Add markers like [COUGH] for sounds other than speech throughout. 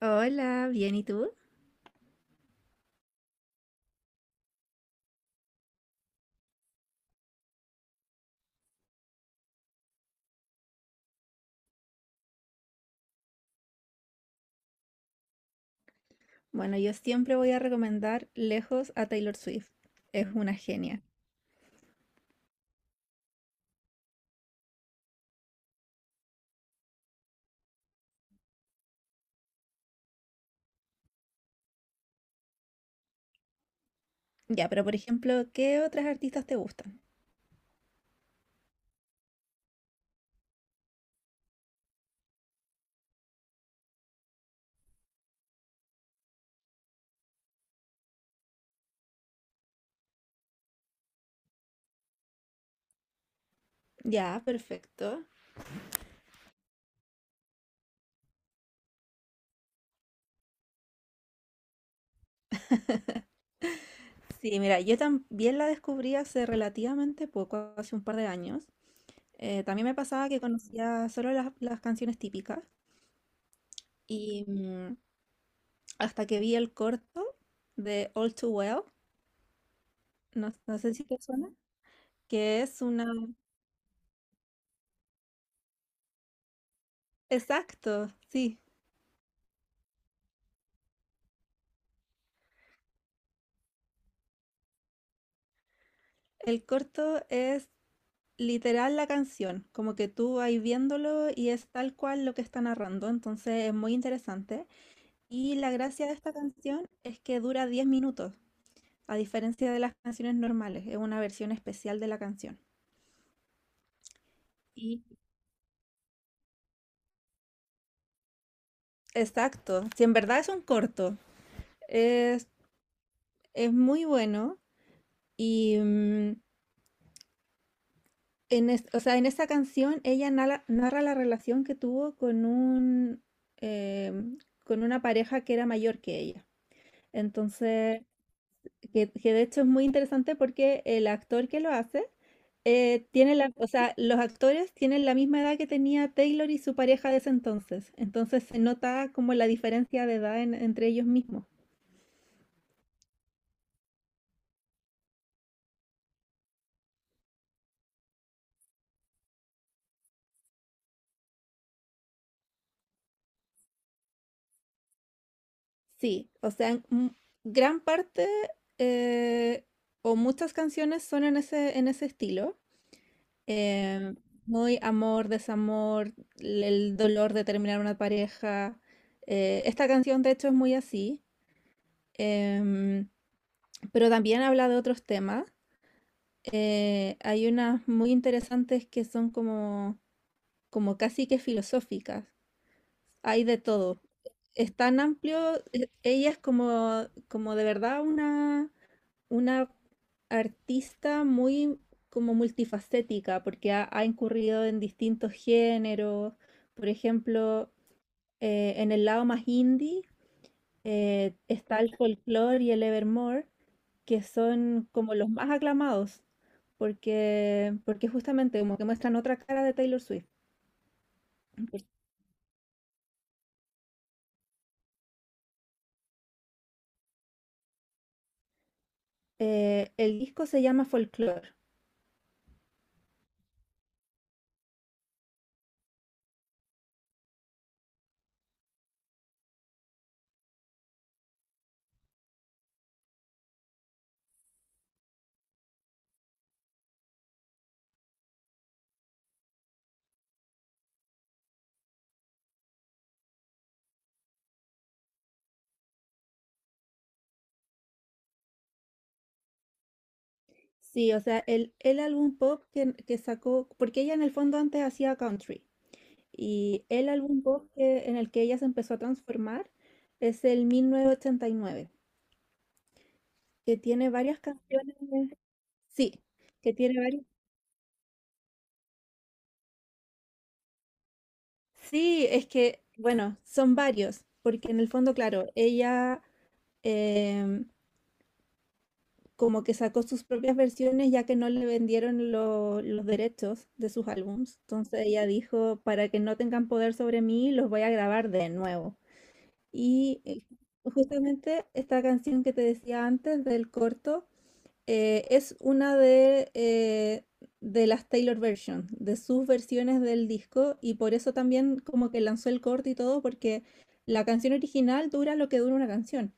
Hola, bien, ¿y tú? Bueno, yo siempre voy a recomendar lejos a Taylor Swift. Es una genia. Ya, pero por ejemplo, ¿qué otras artistas te gustan? Ya, perfecto. Sí, mira, yo también la descubrí hace relativamente poco, hace un par de años. También me pasaba que conocía solo las canciones típicas y hasta que vi el corto de All Too Well. No sé si te suena, que es una... Exacto, sí. El corto es literal la canción, como que tú vas viéndolo y es tal cual lo que está narrando, entonces es muy interesante. Y la gracia de esta canción es que dura 10 minutos, a diferencia de las canciones normales, es una versión especial de la canción. Y exacto, si en verdad es un corto, es, es muy bueno y o sea, en esta canción ella narra la relación que tuvo con un em, con una pareja que era mayor que ella. Entonces, que de hecho es muy interesante porque el actor que lo hace tiene o sea, los actores tienen la misma edad que tenía Taylor y su pareja de ese entonces. Entonces se nota como la diferencia de edad entre ellos mismos. Sí, o sea, gran parte eh, o muchas canciones son en en ese estilo. em, Muy amor, desamor, el dolor de terminar una pareja. Esta canción de hecho es muy así. Em, Pero también habla de otros temas. Hay unas muy interesantes que son como casi que filosóficas. Hay de todo. Es tan amplio. Ella es como de verdad una artista muy como multifacética, porque ha incurrido en distintos géneros. Por ejemplo, en el lado más indie está el folclore y el evermore, que son como los más aclamados, porque justamente como que muestran otra cara de Taylor Swift. El disco se llama Folklore. Sí, o sea, el álbum pop que sacó, porque ella en el fondo antes hacía country, y el álbum pop en el que ella se empezó a transformar es el 1989, que tiene varias canciones, sí, que tiene varias, sí, es que, bueno, son varios, porque en el fondo, claro, ella... em, como que sacó sus propias versiones ya que no le vendieron los derechos de sus álbums. Entonces ella dijo, para que no tengan poder sobre mí, los voy a grabar de nuevo. Y justamente esta canción que te decía antes del corto es una de las Taylor Version, de sus versiones del disco, y por eso también como que lanzó el corto y todo, porque la canción original dura lo que dura una canción,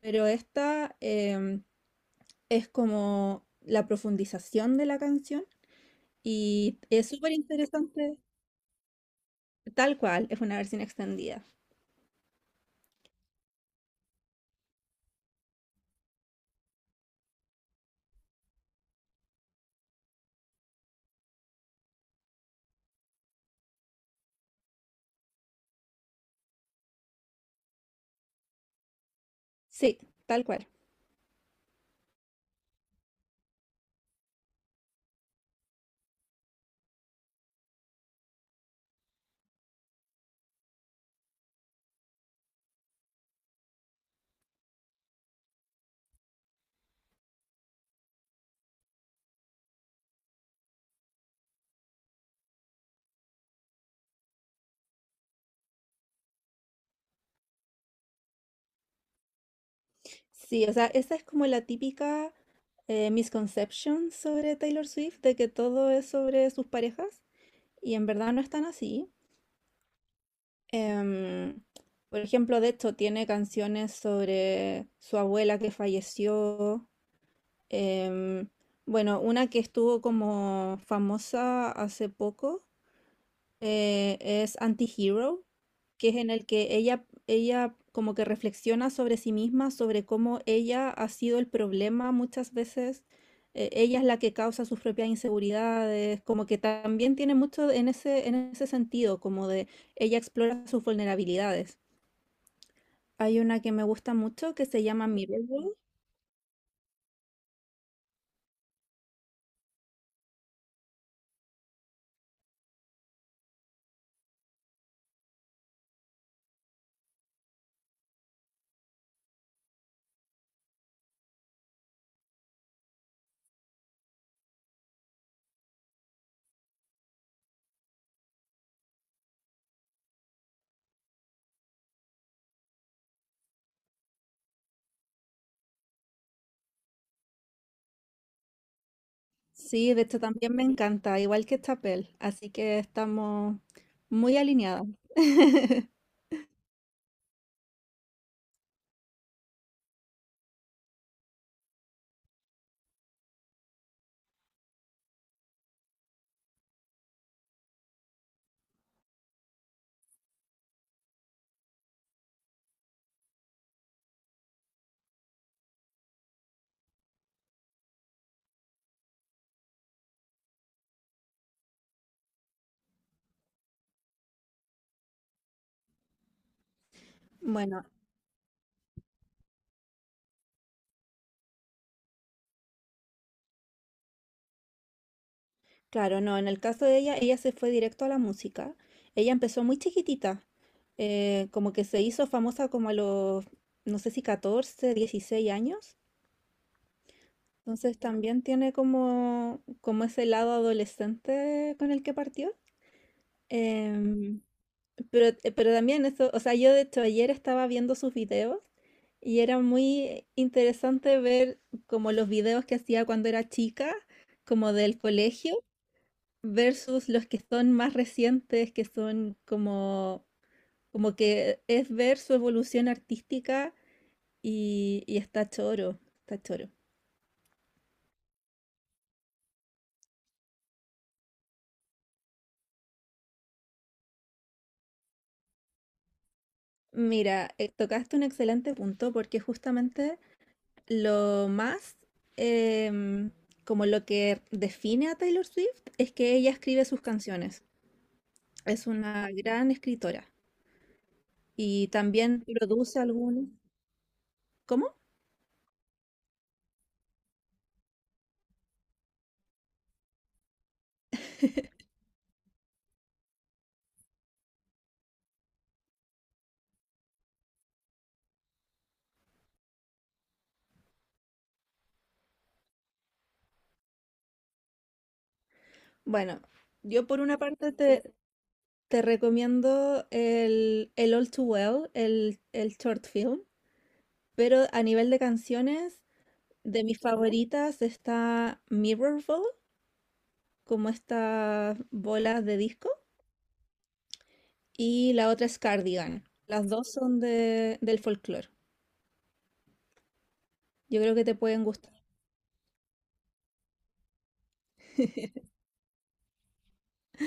pero esta... es como la profundización de la canción y es súper interesante, tal cual, es una versión extendida. Sí, tal cual. Sí, o sea, esa es como la típica misconception sobre Taylor Swift, de que todo es sobre sus parejas, y en verdad no es tan así. Em, por ejemplo, de hecho, tiene canciones sobre su abuela que falleció. Em, bueno, una que estuvo como famosa hace poco es Anti-Hero, que es en el que ella como que reflexiona sobre sí misma, sobre cómo ella ha sido el problema muchas veces. Ella es la que causa sus propias inseguridades, como que también tiene mucho en en ese sentido, como de ella explora sus vulnerabilidades. Hay una que me gusta mucho que se llama Mirror. Sí, de hecho también me encanta, igual que Chapel, así que estamos muy alineadas. [LAUGHS] Bueno, claro, no, en el caso de ella, ella se fue directo a la música. Ella empezó muy chiquitita, como que se hizo famosa como a no sé si 14, 16 años. Entonces también tiene como, como ese lado adolescente con el que partió. Em, pero también eso, o sea, yo de hecho ayer estaba viendo sus videos y era muy interesante ver como los videos que hacía cuando era chica, como del colegio, versus los que son más recientes, que son como, como que es ver su evolución artística y está choro, está choro. Mira, tocaste un excelente punto porque justamente lo más, em, como lo que define a Taylor Swift, es que ella escribe sus canciones. Es una gran escritora y también produce algunas. ¿Cómo? Bueno, yo por una parte te recomiendo el All Too Well, el short film, pero a nivel de canciones, de mis favoritas está Mirror Ball, como estas bolas de disco. Y la otra es Cardigan. Las dos son del folclore. Yo creo que te pueden gustar.